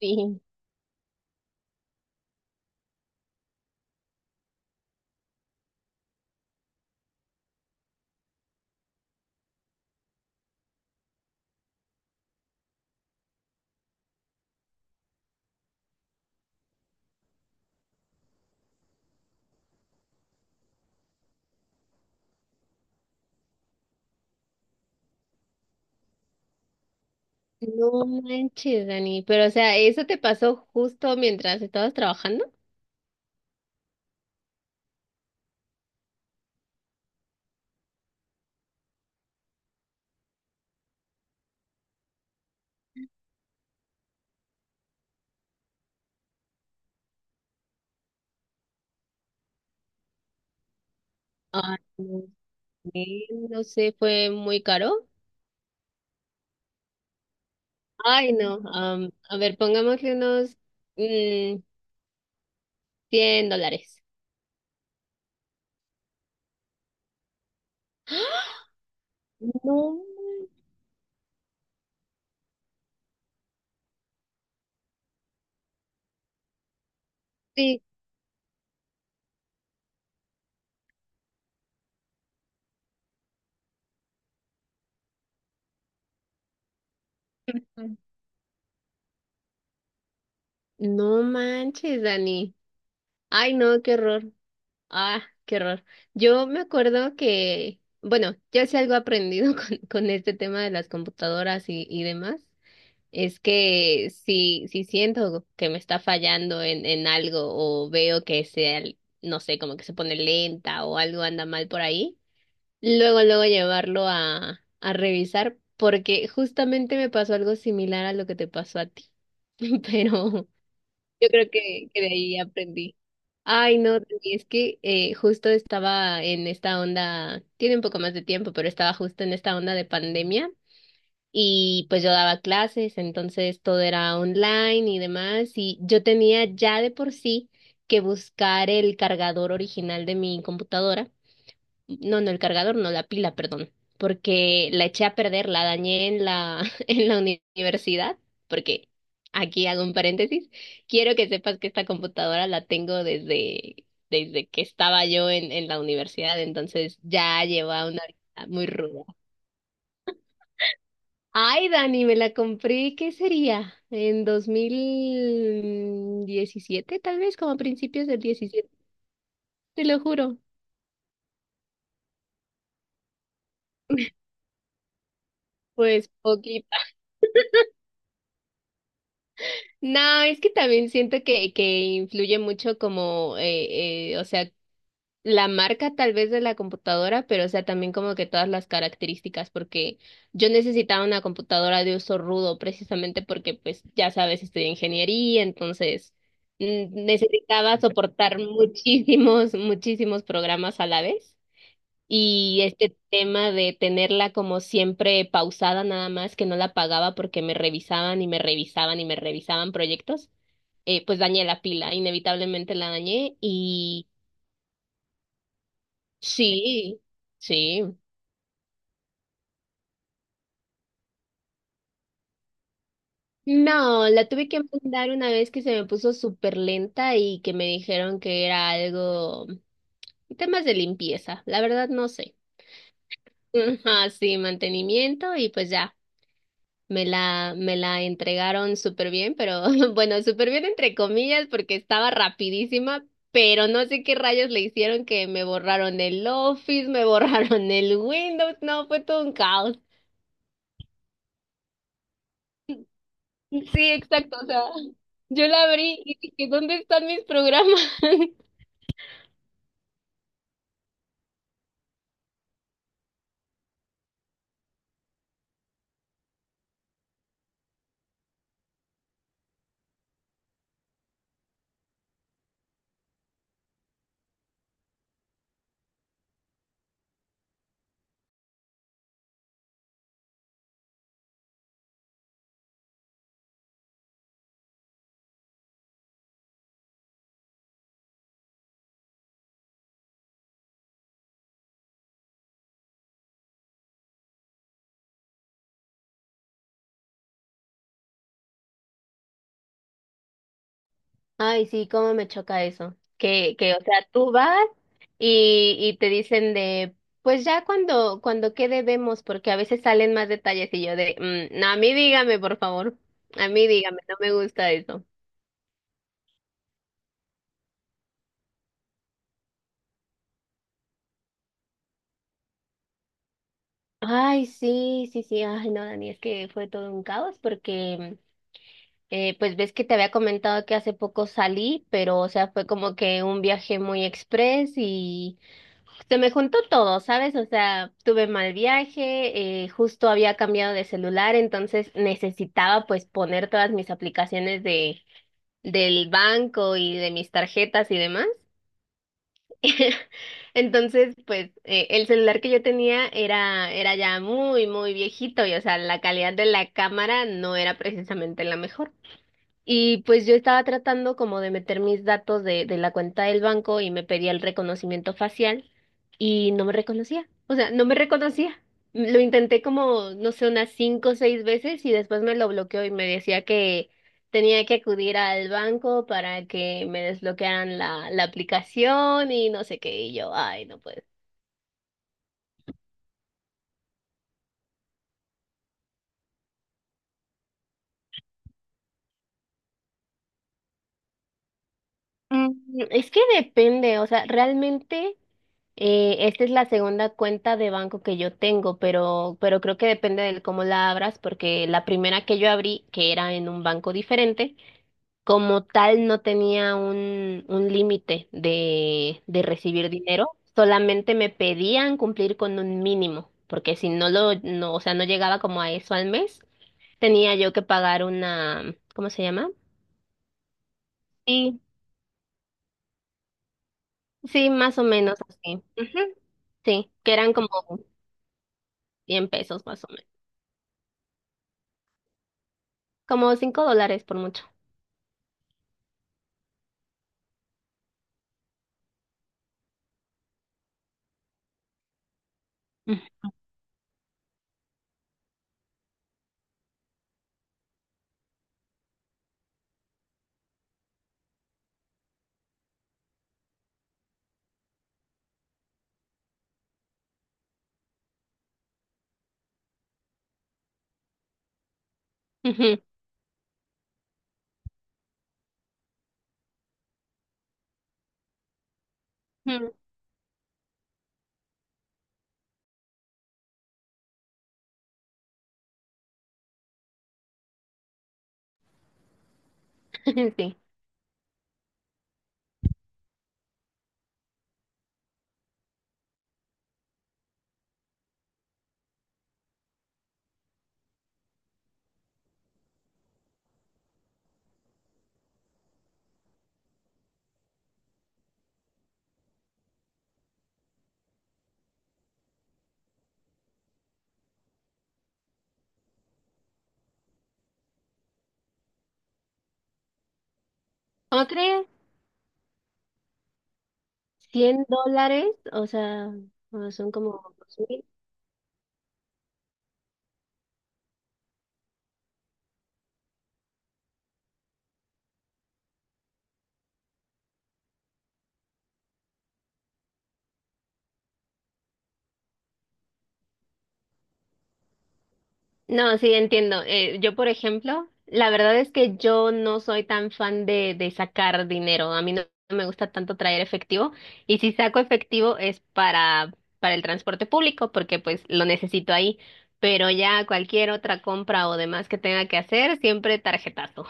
Sí, no manches, Dani, pero o sea, ¿eso te pasó justo mientras estabas trabajando? Ay, no sé, no sé, fue muy caro. Ay, no, a ver, pongámosle unos mm, $100. No manches, no manches, Dani. Ay, no, qué horror. Ah, qué horror. Yo me acuerdo que, bueno, yo sí algo he aprendido con este tema de las computadoras y demás. Es que si siento que me está fallando en algo o veo que se, no sé, como que se pone lenta o algo anda mal por ahí, luego, luego llevarlo a revisar porque justamente me pasó algo similar a lo que te pasó a ti. Pero yo creo que de ahí aprendí. Ay, no, Dani, es que justo estaba en esta onda, tiene un poco más de tiempo, pero estaba justo en esta onda de pandemia y pues yo daba clases, entonces todo era online y demás, y yo tenía ya de por sí que buscar el cargador original de mi computadora, no, no el cargador, no la pila, perdón, porque la eché a perder, la dañé en la universidad, porque aquí hago un paréntesis, quiero que sepas que esta computadora la tengo desde que estaba yo en la universidad, entonces ya lleva una vida muy ruda. Ay, Dani, me la compré, ¿qué sería? En 2017, tal vez, como a principios del 17, te lo juro. Pues poquita. No, es que también siento que influye mucho como, o sea, la marca tal vez de la computadora, pero o sea, también como que todas las características, porque yo necesitaba una computadora de uso rudo precisamente porque pues ya sabes, estudié ingeniería, entonces mm, necesitaba soportar muchísimos, muchísimos programas a la vez. Y este tema de tenerla como siempre pausada nada más, que no la pagaba porque me revisaban y me revisaban y me revisaban proyectos pues dañé la pila, inevitablemente la dañé. Sí, sí. No, la tuve que mandar una vez que se me puso súper lenta y que me dijeron que era algo, temas de limpieza, la verdad no sé. Ajá, sí, mantenimiento y pues ya, me la entregaron súper bien, pero bueno, súper bien entre comillas porque estaba rapidísima, pero no sé qué rayos le hicieron que me borraron el Office, me borraron el Windows, no, fue todo un caos. Sí, exacto. O sea, yo la abrí y dije, ¿dónde están mis programas? Ay, sí, cómo me choca eso. O sea, tú vas y te dicen de, pues ya cuando quede vemos, porque a veces salen más detalles y yo de, "Mm, no, a mí dígame, por favor. A mí dígame, no me gusta eso." Ay, sí, sí, sí, ay, no, Dani, es que fue todo un caos porque, pues ves que te había comentado que hace poco salí, pero, o sea, fue como que un viaje muy express. Se me juntó todo, ¿sabes? O sea, tuve mal viaje, justo había cambiado de celular, entonces necesitaba pues poner todas mis aplicaciones del banco y de mis tarjetas y demás. Entonces, pues el celular que yo tenía era ya muy, muy viejito y o sea, la calidad de la cámara no era precisamente la mejor. Y pues yo estaba tratando como de meter mis datos de la cuenta del banco y me pedía el reconocimiento facial y no me reconocía. O sea, no me reconocía. Lo intenté como, no sé, unas cinco o seis veces y después me lo bloqueó y me decía que tenía que acudir al banco para que me desbloquearan la aplicación y no sé qué. Y yo, ay, no puede. Mm, Es que depende, o sea, realmente esta es la segunda cuenta de banco que yo tengo, pero, creo que depende de cómo la abras, porque la primera que yo abrí, que era en un banco diferente, como tal no tenía un límite de recibir dinero, solamente me pedían cumplir con un mínimo, porque si no lo, no, o sea, no llegaba como a eso al mes, tenía yo que pagar una, ¿cómo se llama? Sí, más o menos así. Ujú. Sí, que eran como 100 pesos más o menos. Como $5 por mucho. Ujú. Ujú. Ujú. Sí. ¿Cómo crees? $100, o sea, no, son como 2.000. No, sí, entiendo. Yo, por ejemplo, la verdad es que yo no soy tan fan de sacar dinero. A mí no me gusta tanto traer efectivo. Y si saco efectivo es para el transporte público, porque pues lo necesito ahí. Pero ya cualquier otra compra o demás que tenga que hacer, siempre tarjetazo.